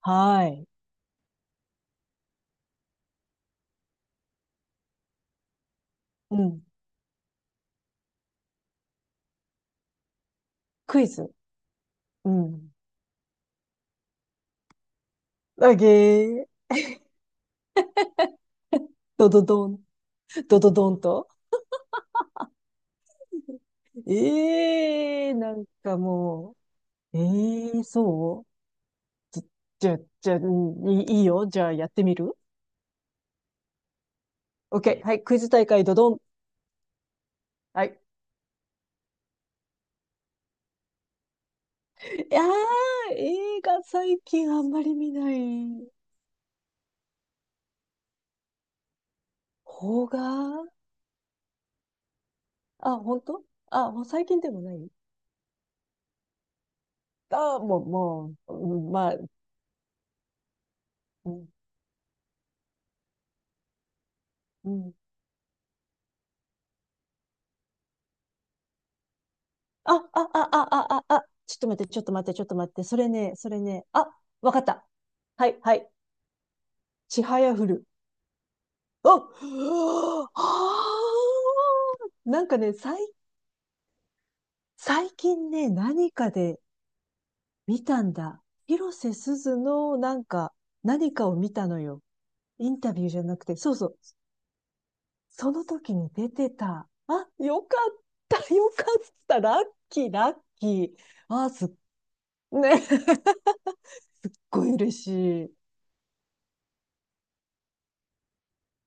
はい。うん。クイズ。うん。あげー。ドドドン。ドドドンと。ええー、なんかもう。ええー、そうじゃ、じゃ、いいよ。じゃあやってみる ?OK。はい。クイズ大会ドドン。はい。いやー、映画最近あんまり見ない方が、あ、本当あ、もう最近でもない、あ、もう、もう、まあ、うん、うん、ちょっと待って、それね、あ、わかった。はい、はい。ちはやふる。あ、はあ、なんかね、最近ね、何かで見たんだ。広瀬すずの、なんか、何かを見たのよ。インタビューじゃなくて、そうそう。その時に出てた。あ、よかった。ラッキー、ラッキー。あ、すっ、ね、すっごい嬉しい。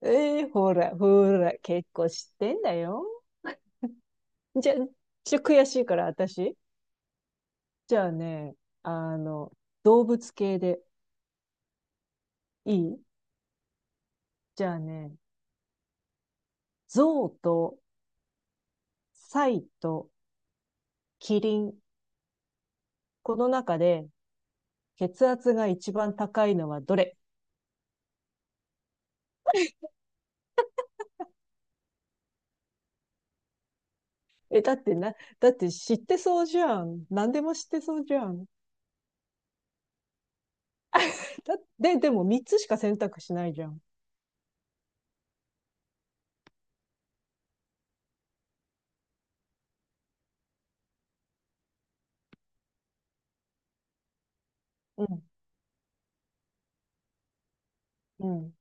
えー、ほら、結構知ってんだよ。じゃ、ちょ、悔しいから、私。じゃあね、あの、動物系でいい。じゃあね、象とサイとキリン。この中で血圧が一番高いのはどれ？え、だってな、だって知ってそうじゃん。何でも知ってそうじゃん。でも3つしか選択しないじゃん。うん、うん、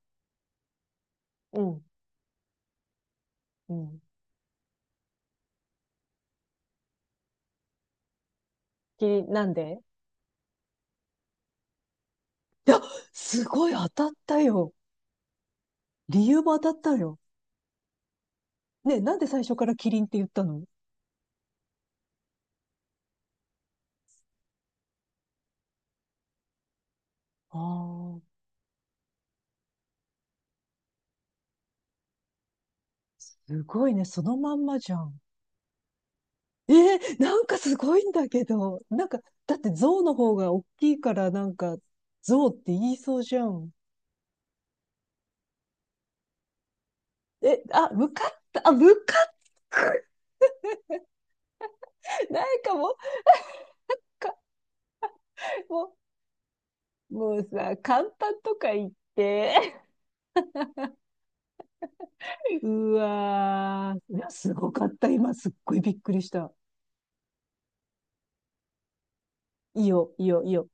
うん、うん。キリン、なんで？いや、すごい当たったよ。理由も当たったよ。ね、なんで最初からキリンって言ったの？ああ、すごいね。そのまんまじゃん。えー、なんかすごいんだけど。なんか、だって象の方が大きいからなんか、象って言いそうじゃん。え、あ、向かった、あ、向かったなんかもう、か、もう、もうさ、簡単とか言って。うわー。いや、すごかった。今、すっごいびっくりした。いいよ、いいよ、いいよ。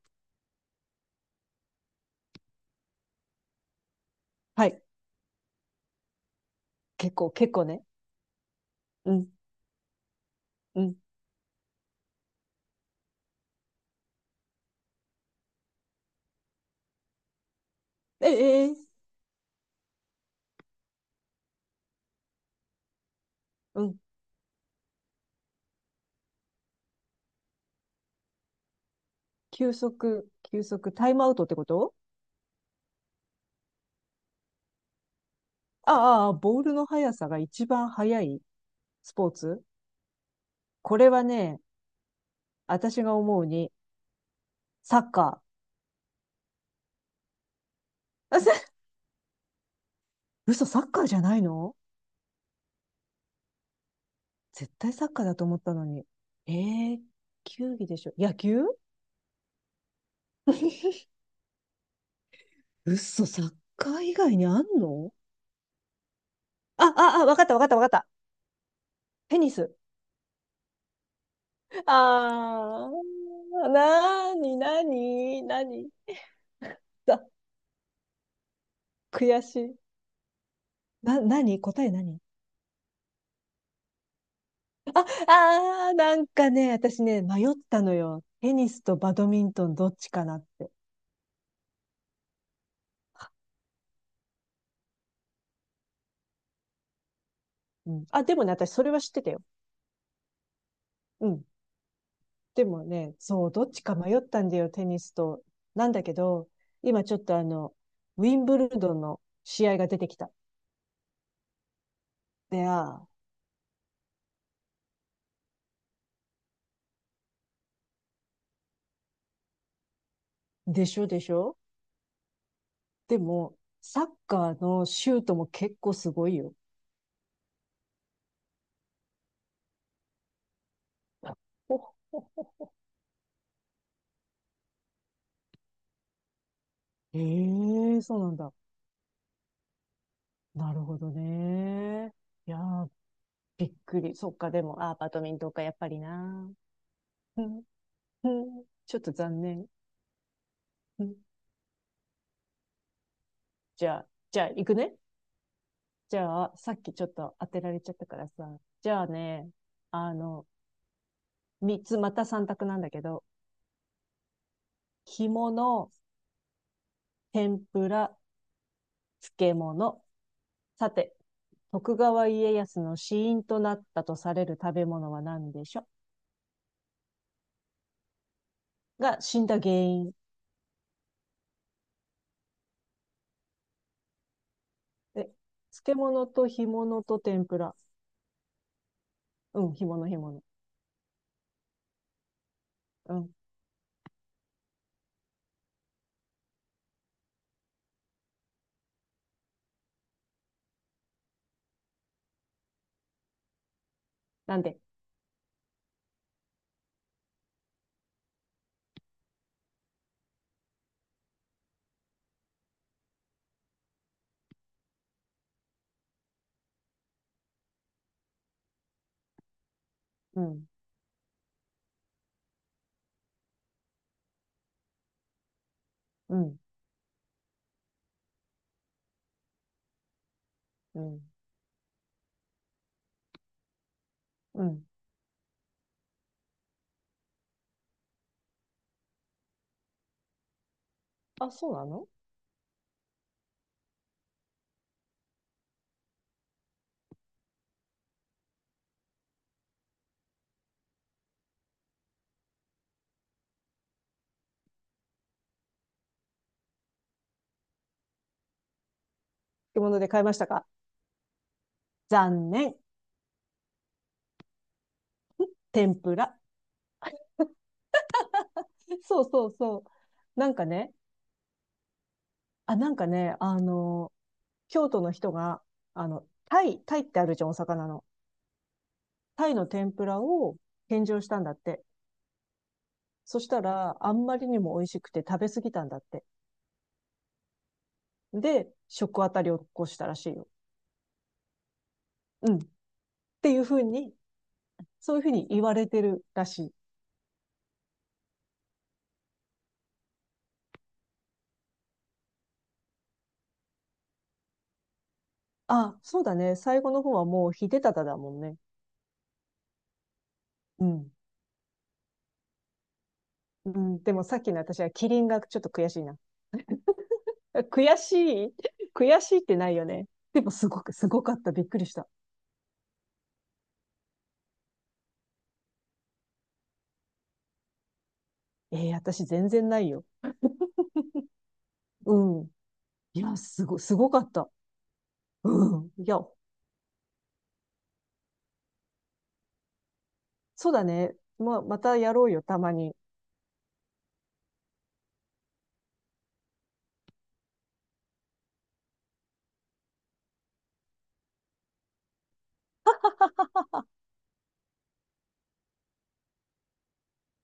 はい。結構、結構ね。うん、うん。え、えーうん。球速、タイムアウトってこと？ああ、ああボールの速さが一番速いスポーツ。これはね、私が思うに、サッカー。あせ嘘、サッカーじゃないの？絶対サッカーだと思ったのに。えー球技でしょ。野球？嘘、サッカー以外にあんの？あ、わかったわかったわかった。テニス。あー、なーになになに。だ、悔しい。な、なに答え何？ああ、なんかね、私ね、迷ったのよ。テニスとバドミントンどっちかなって。うん。あ、でもね、私それは知ってたよ。うん。でもね、そう、どっちか迷ったんだよ、テニスと。なんだけど、今ちょっとウィンブルドンの試合が出てきた。で、あーでしょでしょ。でも、サッカーのシュートも結構すごいよ。ほほええー、そうなんだ。なるほどね。いやーびっくり。そっか、でも、あー、バドミントンか、やっぱりな。うんうんちょっと残念。うんじゃあ、じゃあ、行くね。じゃあ、さっきちょっと当てられちゃったからさ。じゃあね、あの、三つ、また三択なんだけど、干物、天ぷら、漬物。さて、徳川家康の死因となったとされる食べ物は何でしょう？が死んだ原因。え、漬物と干物と天ぷら。うん、干物。うん。なんで？うん、うん。うん。うん。あ、そうなの？漬物で買いましたか？残念。天ぷら。そうそうそう。なんかね、あ、なんかね、あの、京都の人が、あの、タイってあるじゃん、お魚の。タイの天ぷらを献上したんだって。そしたら、あんまりにも美味しくて食べ過ぎたんだって。で、食あたりを起こしたらしいよ。うん。っていうふうに、そういうふうに言われてるらしい。あ、そうだね。最後の方はもう秀忠だもんね。うん。うん、でもさっきの私はキリンがちょっと悔しいな。悔しい悔しいってないよね。でもすごく、すごかった。びっくりした。えー、私全然ないよ。うん。いや、すごかった。うん。いや、そうだね。まあ、またやろうよ、たまに。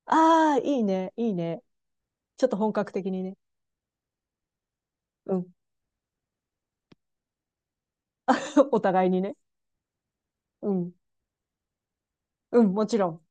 ああ、いいね、いいね。ちょっと本格的にね。うん。お互いにね。うん。うん、もちろん。